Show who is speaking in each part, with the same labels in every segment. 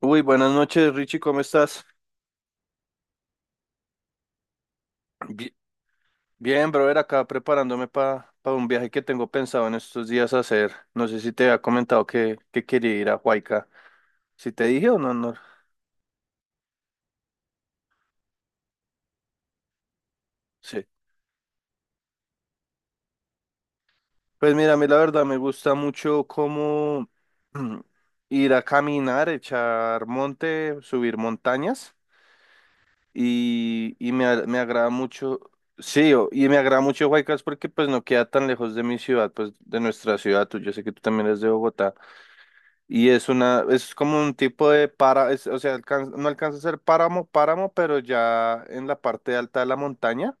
Speaker 1: Uy, buenas noches, Richie, ¿cómo estás? Bi- Bien, brother, acá preparándome para un viaje que tengo pensado en estos días hacer. No sé si te había comentado que quería ir a Huayca. ¿Si te dije o no? No, sí. Pues mira, a mí la verdad me gusta mucho como mm, ir a caminar, echar monte, subir montañas y me agrada mucho, y me agrada mucho Huaycas porque pues no queda tan lejos de mi ciudad, pues de nuestra ciudad. Tú, yo sé que tú también eres de Bogotá. Y es una, es como un tipo de para, o sea, alcan no alcanza a ser páramo, páramo, pero ya en la parte alta de la montaña,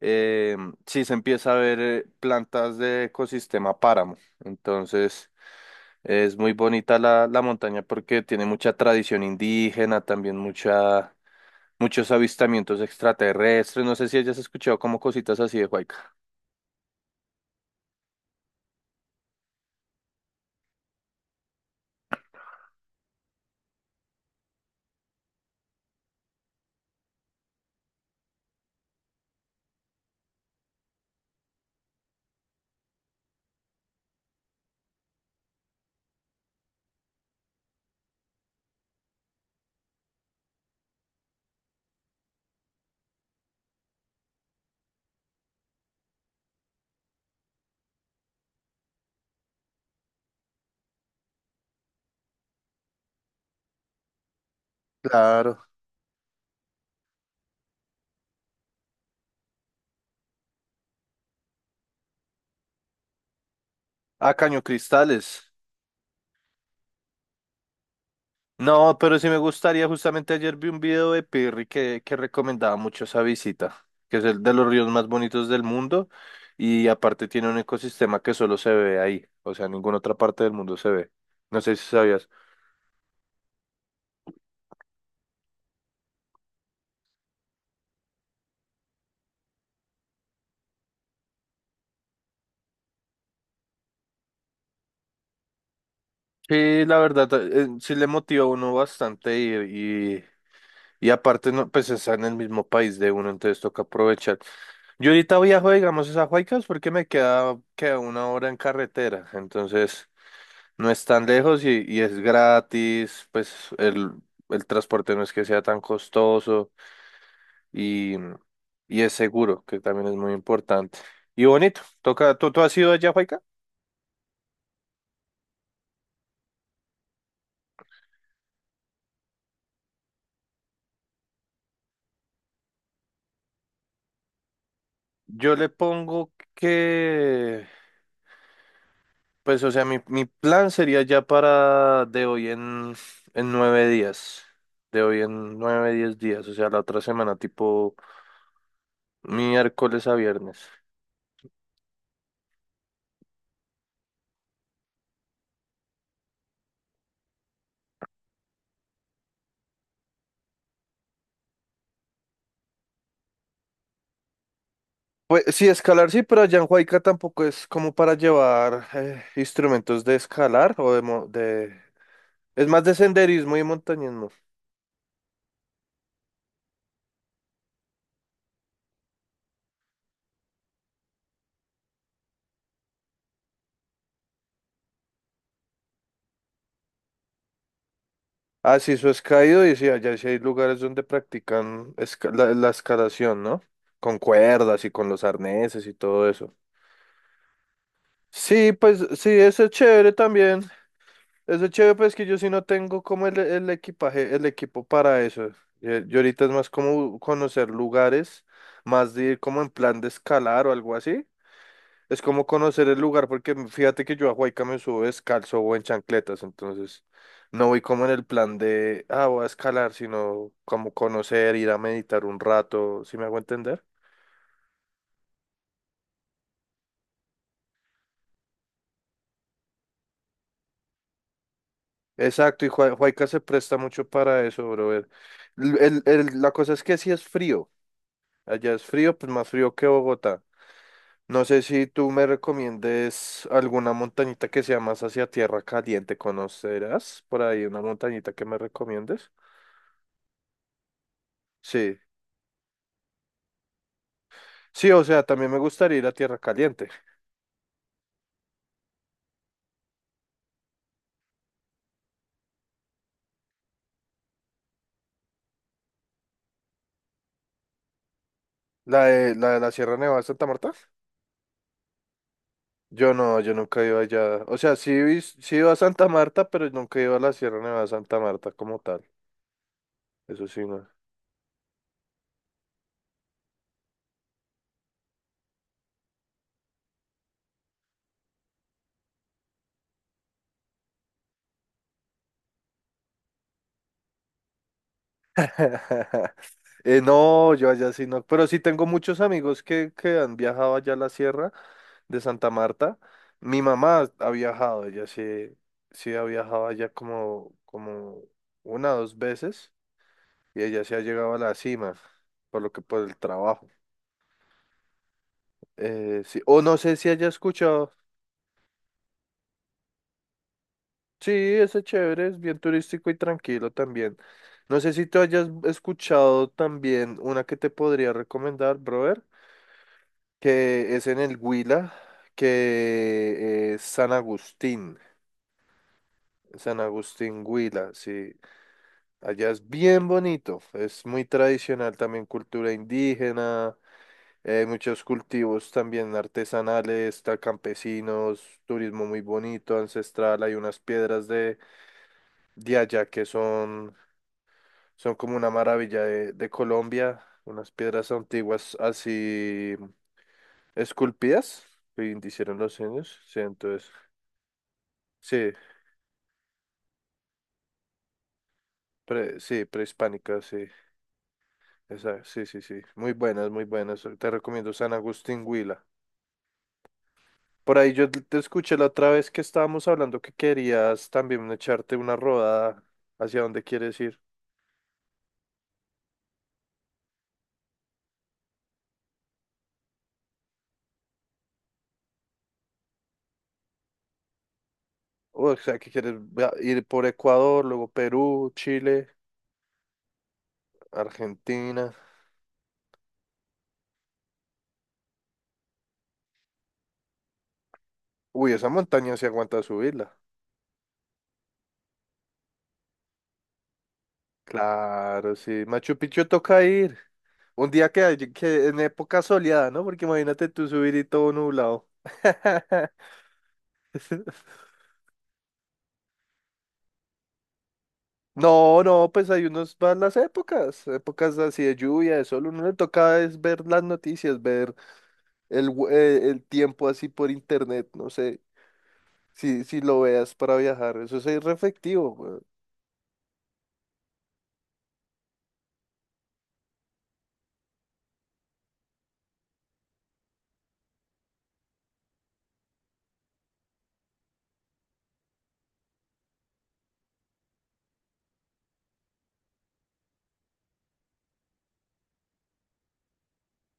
Speaker 1: eh, sí se empieza a ver plantas de ecosistema páramo. Entonces, es muy bonita la montaña porque tiene mucha tradición indígena, también mucha, muchos avistamientos extraterrestres. No sé si hayas escuchado como cositas así de Huayca. Claro. Ah, Caño Cristales. No, pero sí me gustaría, justamente ayer vi un video de Pirri que recomendaba mucho esa visita, que es el de los ríos más bonitos del mundo y aparte tiene un ecosistema que solo se ve ahí, o sea, en ninguna otra parte del mundo se ve. No sé si sabías. Sí, la verdad, sí le motiva a uno bastante ir y aparte, no, pues está en el mismo país de uno, entonces toca aprovechar. Yo ahorita viajo, digamos, es a Huaycas porque queda una hora en carretera, entonces... No es tan lejos y es gratis, el transporte no es que sea tan costoso y, y es seguro, que también es muy importante. Y bonito, toca, ¿tú has ido allá, Juaica? Yo le pongo que, pues o sea, mi plan sería ya para de hoy en 9 días, de hoy en 9, 10 días, o sea, la otra semana, tipo miércoles a viernes. Pues sí, escalar sí, pero allá en Huayca tampoco es como para llevar instrumentos de escalar o de, mo- de... Es más de senderismo y montañismo. Ah, sí, eso es caído y sí, allá sí hay lugares donde practican la escalación, ¿no? Con cuerdas y con los arneses y todo eso. Sí, pues sí, eso es chévere también. Eso es chévere, pues que yo sí no tengo como el equipaje, el equipo para eso. Yo ahorita es más como conocer lugares, más de ir como en plan de escalar o algo así. Es como conocer el lugar, porque fíjate que yo a Huayca me subo descalzo o en chancletas, entonces no voy como en el plan de, ah, voy a escalar, sino como conocer, ir a meditar un rato, ¿sí me hago entender? Exacto, y Huayca se presta mucho para eso, brother. La cosa es que si es frío, allá es frío, pues más frío que Bogotá. No sé si tú me recomiendes alguna montañita que sea más hacia tierra caliente, ¿conocerás por ahí una montañita que me recomiendes? Sí. Sí, o sea, también me gustaría ir a Tierra Caliente. La de la, de la Sierra Nevada de Santa Marta. Yo no, yo nunca he ido allá. O sea, sí, sí he ido a Santa Marta, pero nunca he ido a la Sierra Nevada de Santa Marta como tal. Eso sí, no. No, yo allá sí no. Pero sí tengo muchos amigos que han viajado allá a la Sierra de Santa Marta. Mi mamá ha viajado, ella sí, sí ha viajado allá como, como una o dos veces y ella sí ha llegado a la cima, por lo que por el trabajo. Sí. O no sé si haya escuchado. Sí, ese chévere, es bien turístico y tranquilo también. No sé si tú hayas escuchado también una que te podría recomendar, brother, que es en el Huila, que es San Agustín. San Agustín Huila, sí. Allá es bien bonito, es muy tradicional también cultura indígena, muchos cultivos también artesanales, está campesinos, turismo muy bonito, ancestral, hay unas piedras de allá, que son, son como una maravilla de Colombia, unas piedras antiguas así esculpidas, que hicieron los años, sí, entonces, sí, sí, prehispánicas, sí, esa, sí, sí, sí, muy buenas, te recomiendo San Agustín Huila. Por ahí yo te escuché la otra vez que estábamos hablando que querías también echarte una rodada hacia dónde quieres ir. O sea, que quieres ir por Ecuador, luego Perú, Chile, Argentina. Uy, esa montaña se aguanta subirla. Claro, sí. Machu Picchu toca ir. Un día que en época soleada, ¿no? Porque imagínate tú subir y todo nublado. No, no, pues hay unos van las épocas, épocas así de lluvia, de sol, uno le toca es ver las noticias, ver el tiempo así por internet, no sé, si lo veas para viajar, eso es re efectivo.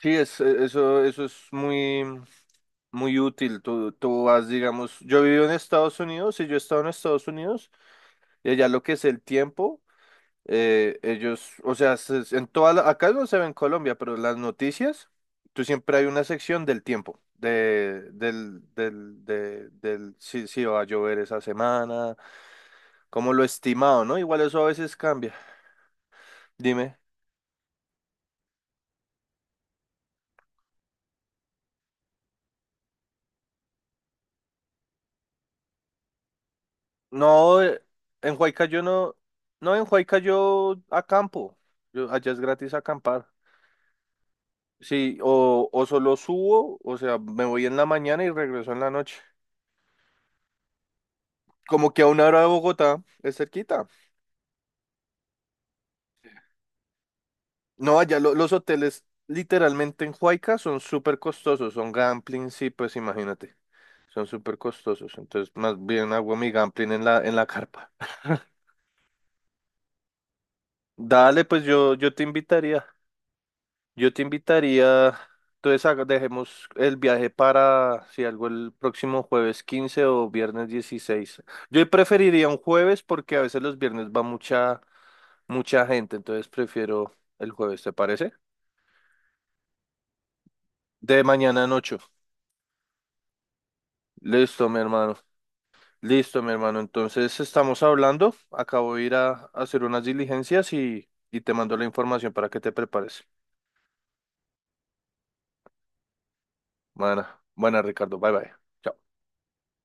Speaker 1: Sí, eso es muy, muy útil. Tú vas, digamos, yo vivo en Estados Unidos y yo he estado en Estados Unidos y allá lo que es el tiempo, ellos, o sea, en toda acá no se ve en Colombia, pero en las noticias, tú siempre hay una sección del tiempo, de, del, del, de- del, si va a llover esa semana, como lo estimado, ¿no? Igual eso a veces cambia. Dime. No, en Huaycayo no, no, en Huaycayo acampo. Yo, allá es gratis acampar. Sí, o solo subo, o sea, me voy en la mañana y regreso en la noche. Como que a una hora de Bogotá es cerquita. No, allá los hoteles literalmente en Huayca son súper costosos, son gambling, sí, pues imagínate, son súper costosos. Entonces, más bien hago mi gambling en la carpa. Dale, pues yo te invitaría. Yo te invitaría, entonces dejemos el viaje para, si algo, el próximo jueves 15 o viernes 16. Yo preferiría un jueves porque a veces los viernes va mucha, mucha gente, entonces prefiero el jueves, ¿te parece? De mañana en 8. Listo, mi hermano. Listo, mi hermano. Entonces estamos hablando. Acabo de ir a hacer unas diligencias y te mando la información para que te prepares. Buena, buena, Ricardo. Bye, bye. Chao.